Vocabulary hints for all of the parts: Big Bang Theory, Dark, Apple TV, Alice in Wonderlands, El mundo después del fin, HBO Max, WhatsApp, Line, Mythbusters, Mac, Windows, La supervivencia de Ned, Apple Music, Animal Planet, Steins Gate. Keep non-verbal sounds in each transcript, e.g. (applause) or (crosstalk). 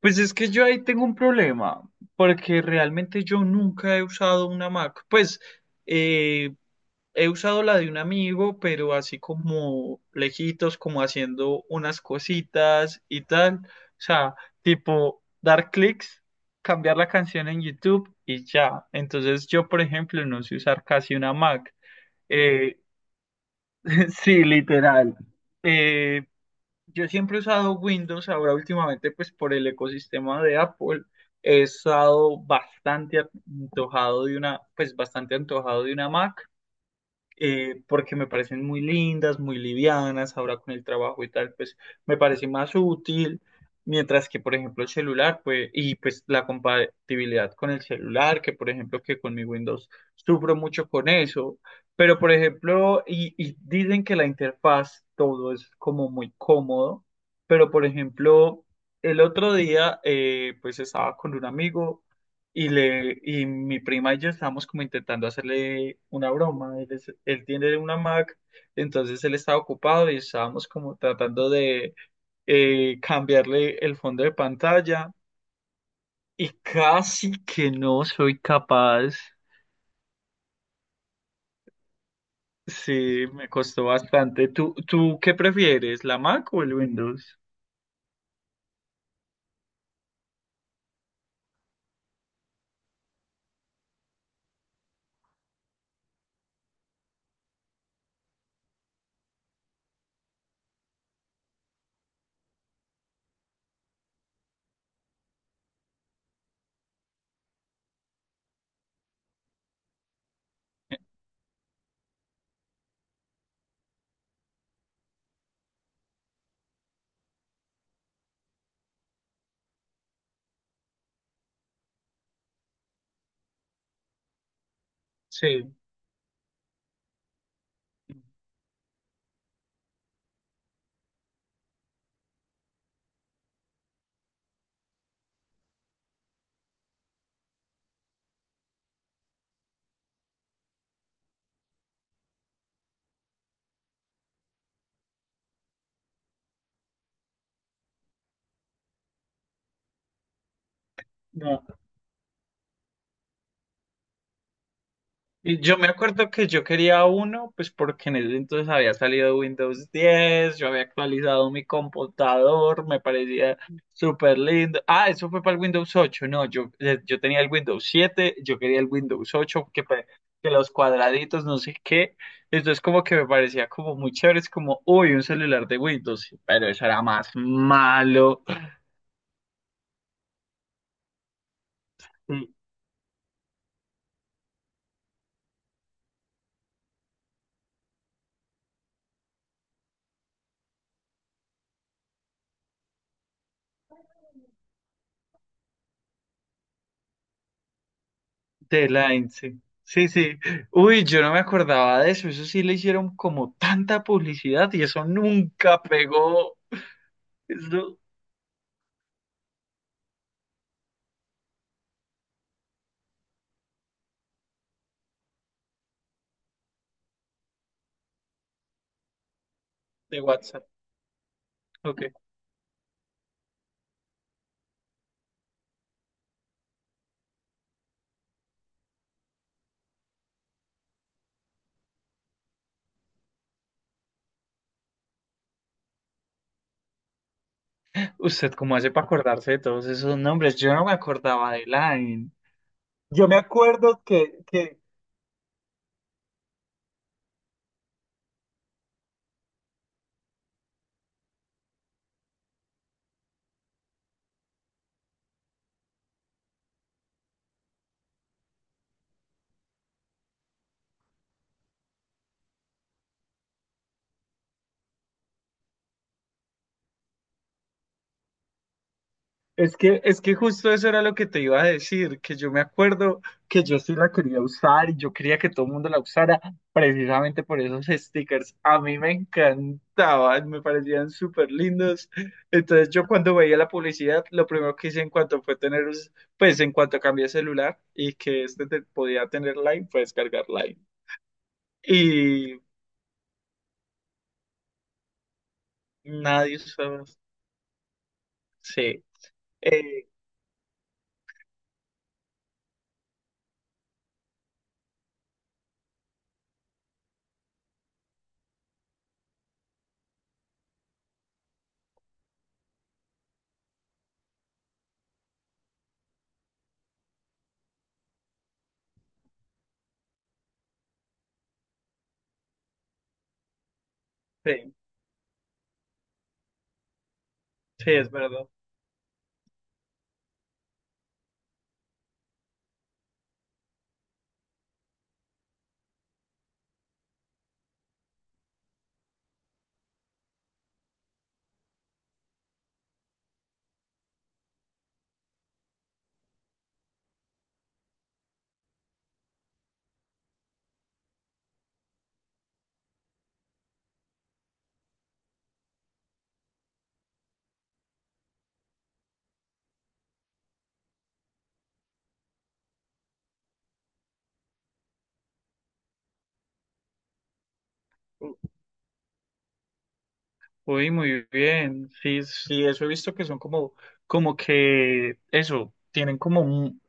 Pues es que yo ahí tengo un problema, porque realmente yo nunca he usado una Mac. Pues eh, he usado la de un amigo, pero así como lejitos, como haciendo unas cositas y tal. O sea, tipo dar clics, cambiar la canción en YouTube y ya. Entonces yo, por ejemplo, no sé usar casi una Mac. Eh, (laughs) sí, literal. Eh, yo siempre he usado Windows, ahora últimamente pues por el ecosistema de Apple he estado bastante antojado de una, pues bastante antojado de una Mac, porque me parecen muy lindas, muy livianas, ahora con el trabajo y tal, pues me parece más útil, mientras que, por ejemplo, el celular, pues, y pues la compatibilidad con el celular, que por ejemplo, que con mi Windows sufro mucho con eso, pero por ejemplo, y dicen que la interfaz, todo es como muy cómodo, pero por ejemplo, el otro día, pues estaba con un amigo, y mi prima y yo estábamos como intentando hacerle una broma. Él, él tiene una Mac, entonces él estaba ocupado y estábamos como tratando de cambiarle el fondo de pantalla. Y casi que no soy capaz. Sí, me costó bastante. ¿Tú qué prefieres, la Mac o el Windows? Sí. Yo me acuerdo que yo quería uno, pues porque en ese entonces había salido Windows 10, yo había actualizado mi computador, me parecía súper lindo. Ah, eso fue para el Windows 8, no, yo, yo tenía el Windows 7, yo quería el Windows 8, que, que los cuadraditos, no sé qué. Entonces como que me parecía como muy chévere, es como, uy, un celular de Windows, pero eso era más malo. The Line, sí. Sí, sí. Uy, yo no me acordaba de eso. Eso sí le hicieron como tanta publicidad y eso nunca pegó. Eso de WhatsApp. Ok. ¿Usted cómo hace para acordarse de todos esos nombres? Yo no me acordaba de Line. Yo me acuerdo que es que, es que justo eso era lo que te iba a decir, que yo me acuerdo que yo sí la quería usar y yo quería que todo el mundo la usara precisamente por esos stickers. A mí me encantaban, me parecían súper lindos. Entonces yo cuando veía la publicidad, lo primero que hice en cuanto fue tener, pues en cuanto cambié de celular y que este podía tener Line, fue descargar Line. Y nadie usaba. Sí, eh, sí, sí, es verdad. Uy, muy bien. Sí, sí, eso he visto que son como, como que eso, tienen como un.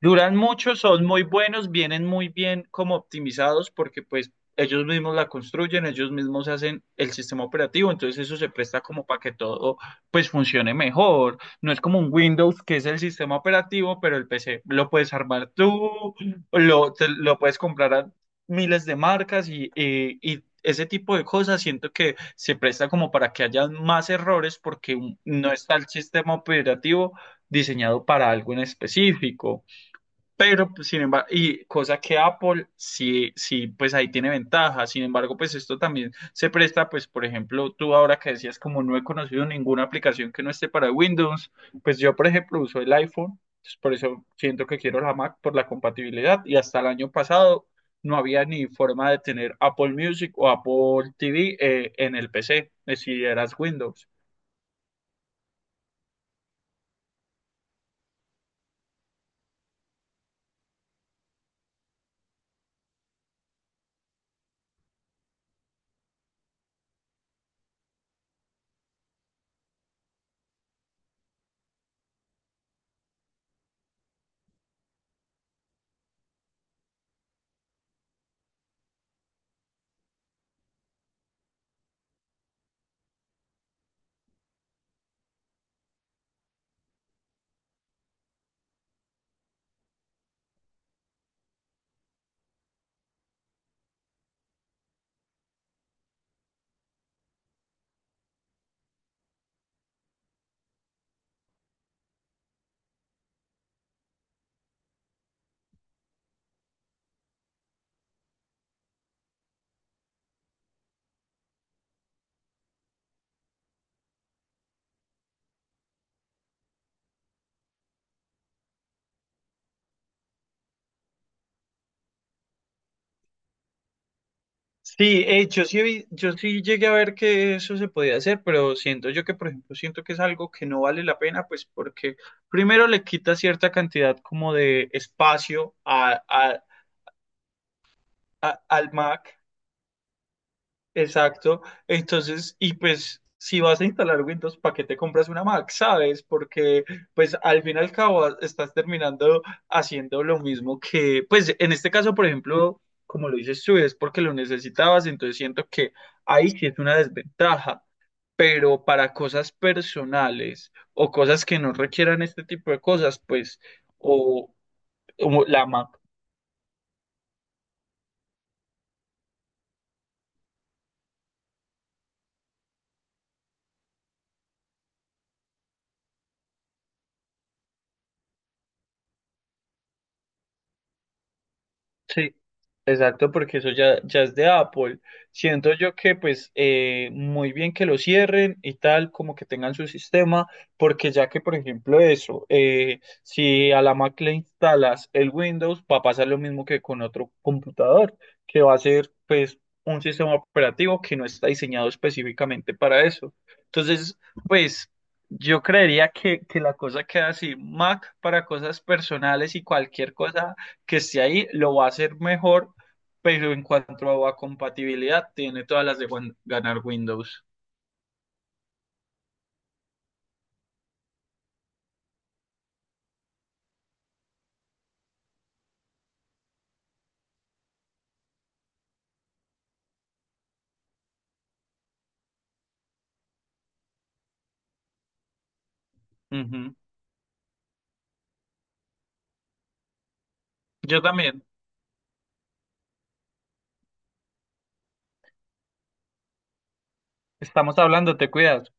Duran mucho, son muy buenos, vienen muy bien como optimizados porque pues ellos mismos la construyen, ellos mismos hacen el sistema operativo, entonces eso se presta como para que todo pues funcione mejor. No es como un Windows que es el sistema operativo, pero el PC lo puedes armar tú, lo puedes comprar a miles de marcas y, y ese tipo de cosas siento que se presta como para que haya más errores porque no está el sistema operativo diseñado para algo en específico. Pero, pues, sin embargo, y cosa que Apple sí, sí, pues ahí tiene ventaja. Sin embargo, pues esto también se presta, pues, por ejemplo, tú ahora que decías, como no he conocido ninguna aplicación que no esté para Windows, pues yo, por ejemplo, uso el iPhone, pues, por eso siento que quiero la Mac por la compatibilidad. Y hasta el año pasado no había ni forma de tener Apple Music o Apple TV, en el PC, si eras Windows. Sí, yo sí, yo sí llegué a ver que eso se podía hacer, pero siento yo que, por ejemplo, siento que es algo que no vale la pena, pues porque primero le quita cierta cantidad como de espacio al Mac. Exacto. Entonces, y pues si vas a instalar Windows, ¿para qué te compras una Mac? ¿Sabes? Porque pues al fin y al cabo estás terminando haciendo lo mismo que, pues en este caso, por ejemplo, como lo dices tú, es porque lo necesitabas, entonces siento que ahí sí es una desventaja, pero para cosas personales o cosas que no requieran este tipo de cosas, pues o, o la Mac. Sí, exacto, porque eso ya, ya es de Apple. Siento yo que pues muy bien que lo cierren y tal, como que tengan su sistema, porque ya que por ejemplo eso, si a la Mac le instalas el Windows, va a pasar lo mismo que con otro computador, que va a ser pues un sistema operativo que no está diseñado específicamente para eso. Entonces, pues... Yo creería que la cosa queda así, Mac para cosas personales y cualquier cosa que esté ahí, lo va a hacer mejor, pero en cuanto a compatibilidad, tiene todas las de ganar Windows. Ujú. Yo también. Estamos hablando, te cuidas.